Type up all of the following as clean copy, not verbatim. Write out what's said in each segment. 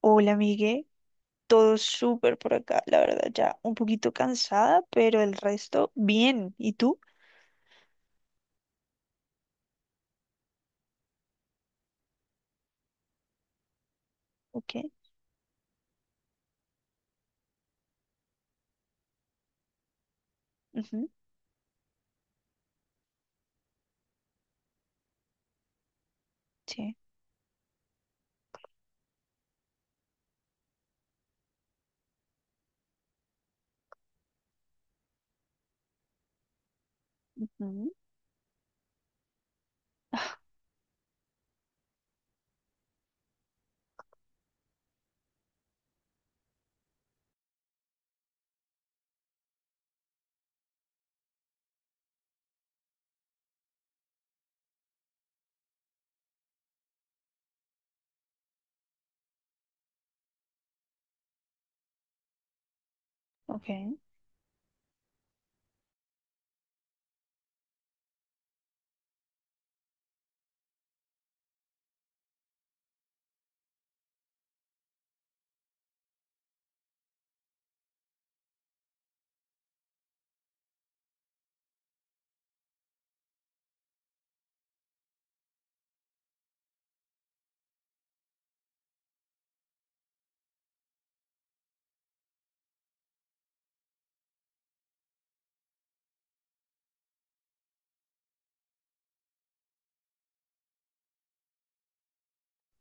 Hola, Migue. Todo súper por acá, la verdad, ya un poquito cansada, pero el resto bien. ¿Y tú? Ok. Ujú. Sí. Ujú. Ok.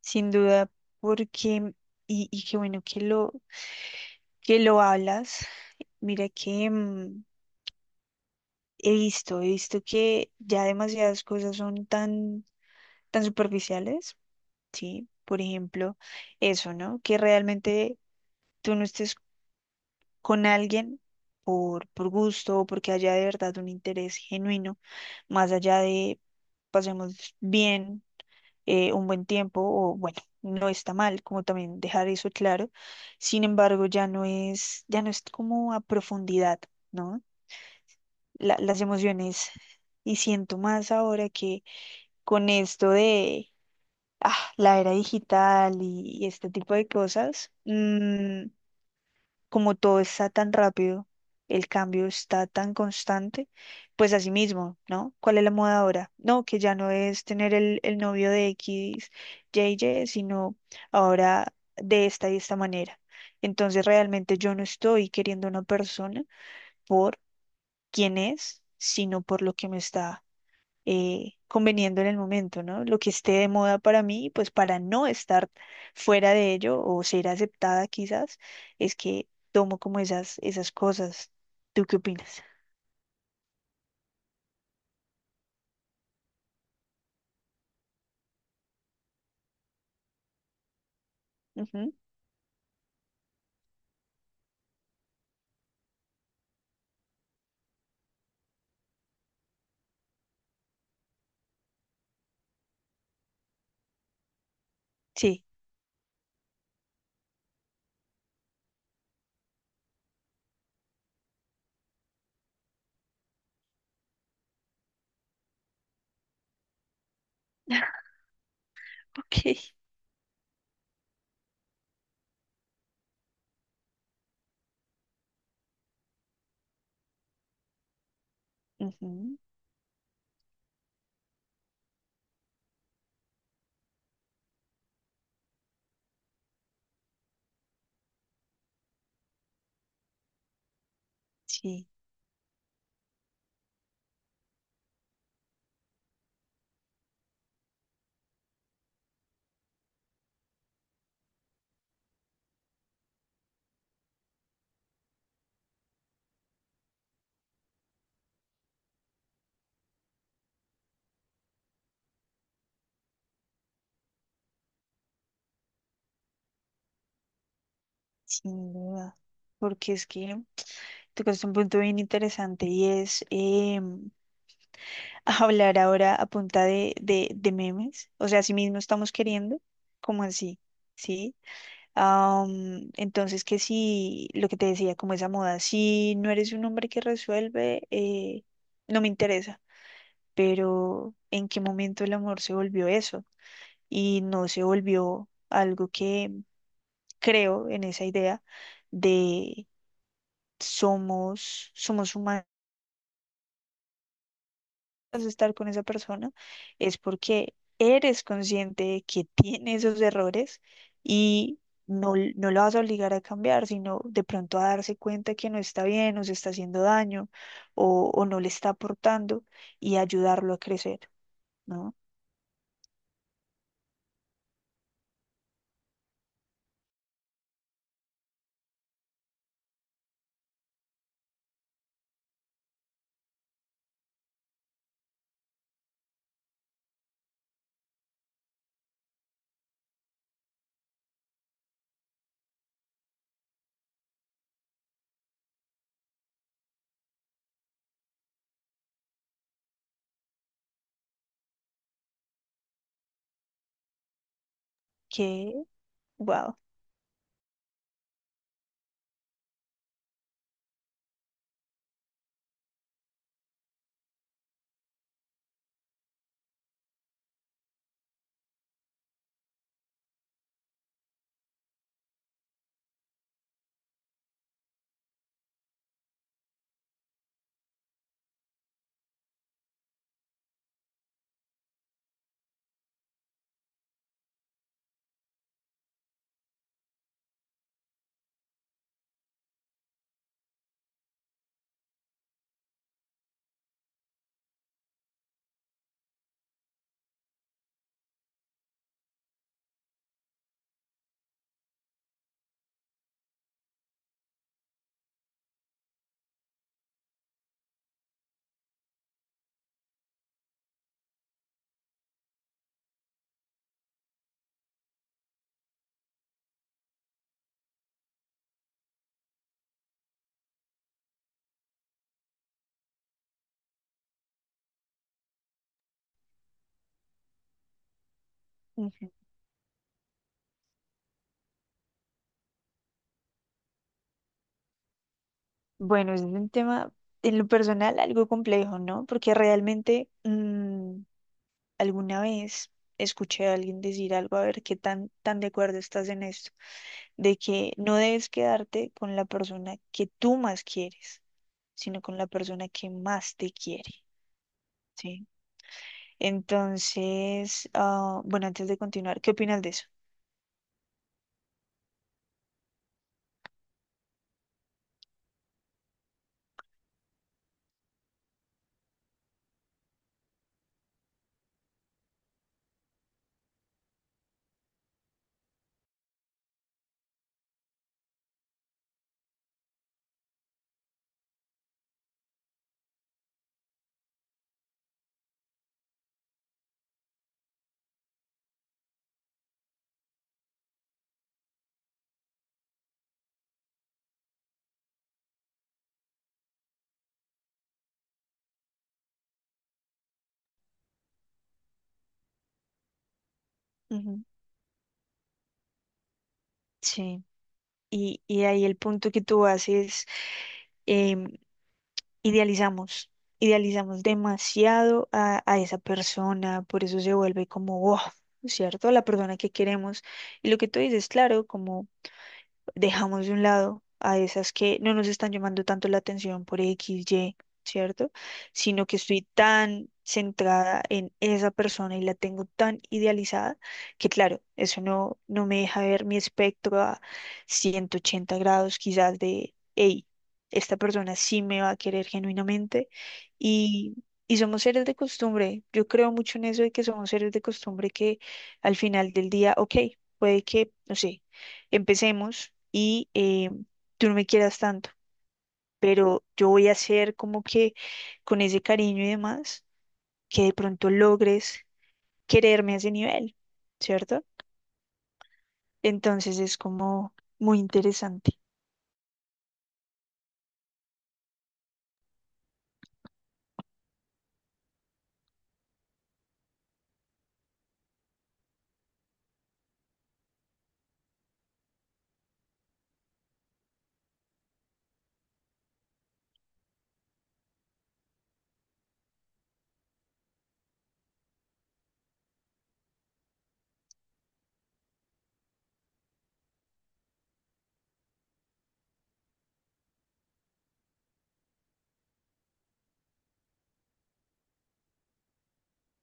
Sin duda, porque, y qué bueno que que lo hablas. Mira que he visto que ya demasiadas cosas son tan superficiales, ¿sí? Por ejemplo, eso, ¿no? Que realmente tú no estés con alguien por gusto o porque haya de verdad un interés genuino, más allá de pasemos bien un buen tiempo o bueno, no está mal, como también dejar eso claro. Sin embargo, ya no es como a profundidad, ¿no? Las emociones y siento más ahora que con esto de la era digital y este tipo de cosas. Como todo está tan rápido, el cambio está tan constante, pues así mismo, ¿no? ¿Cuál es la moda ahora? No, que ya no es tener el novio de X, JJ, sino ahora de esta y esta manera. Entonces realmente yo no estoy queriendo a una persona por quién es, sino por lo que me está conveniendo en el momento, ¿no? Lo que esté de moda para mí, pues para no estar fuera de ello o ser aceptada quizás, es que tomo como esas cosas. ¿Tú qué opinas? Ujú. Sí. Ok. Ujú. Sí, sin duda. Porque es que tocaste un punto bien interesante y es em, hablar ahora a punta de memes. O sea, así mismo estamos queriendo, como así, ¿sí? Am, entonces, que si lo que te decía, como esa moda, si no eres un hombre que resuelve, no me interesa. Pero ¿en qué momento el amor se volvió eso? Y no se volvió algo que creo en esa idea de somos humanos. Estar con esa persona es porque eres consciente de que tiene esos errores y no, no lo vas a obligar a cambiar, sino de pronto a darse cuenta que no está bien o se está haciendo daño o no le está aportando y ayudarlo a crecer, ¿no? Que, wow. Ujú. Bueno, es un tema en lo personal algo complejo, ¿no? Porque realmente alguna vez escuché a alguien decir algo, a ver qué tan de acuerdo estás en esto, de que no debes quedarte con la persona que tú más quieres, sino con la persona que más te quiere, ¿sí? Entonces, ah, bueno, antes de continuar, ¿qué opinas de eso? Ujú. Sí. Y ahí el punto que tú haces, em, idealizamos, idealizamos demasiado a esa persona, por eso se vuelve como, wow, ¿cierto? La persona que queremos. Y lo que tú dices, claro, como dejamos de un lado a esas que no nos están llamando tanto la atención por X, Y, ¿cierto? Sino que estoy tan centrada en esa persona y la tengo tan idealizada que, claro, eso no, no me deja ver mi espectro a 180 grados quizás de, hey, esta persona sí me va a querer genuinamente y Y somos seres de costumbre. Yo creo mucho en eso de que somos seres de costumbre que al final del día, ok, puede que, no sé, empecemos y tú no me quieras tanto, pero yo voy a hacer como que con ese cariño y demás, que de pronto logres quererme a ese nivel, ¿cierto? Entonces es como muy interesante.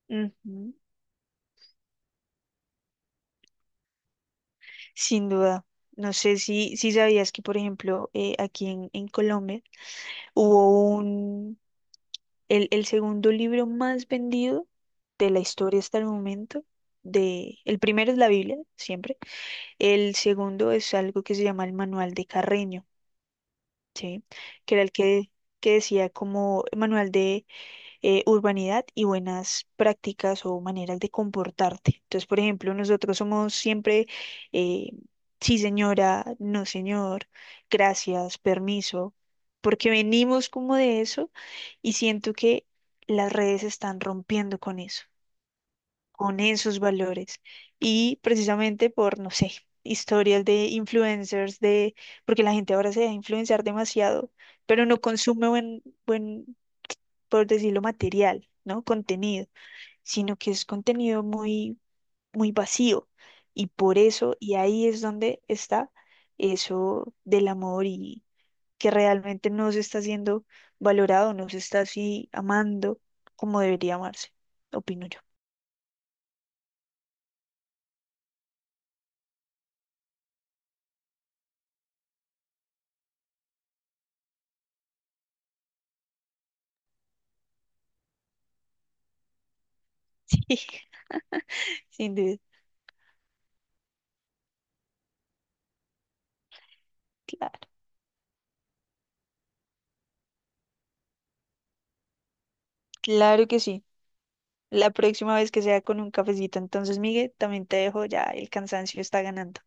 Ujú. Sin duda. No sé si sabías que, por ejemplo, aquí en Colombia hubo un, el segundo libro más vendido de la historia hasta el momento. De, el primero es la Biblia, siempre. El segundo es algo que se llama el manual de Carreño, ¿sí? Que era el que decía como manual de urbanidad y buenas prácticas o maneras de comportarte. Entonces, por ejemplo, nosotros somos siempre, eh, sí señora, no señor, gracias, permiso, porque venimos como de eso y siento que las redes están rompiendo con eso con esos valores. Y precisamente por, no sé, historias de influencers, de, porque la gente ahora se deja influenciar demasiado, pero no consume buen, por decirlo, material, ¿no? Contenido, sino que es contenido muy vacío. Y por eso, y ahí es donde está eso del amor y que realmente no se está siendo valorado, no se está así amando como debería amarse, opino yo. Sin duda. Claro. Claro que sí. La próxima vez que sea con un cafecito. Entonces, Miguel, también te dejo, ya el cansancio está ganando.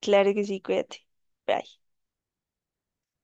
Claro que sí, cuídate. Bye.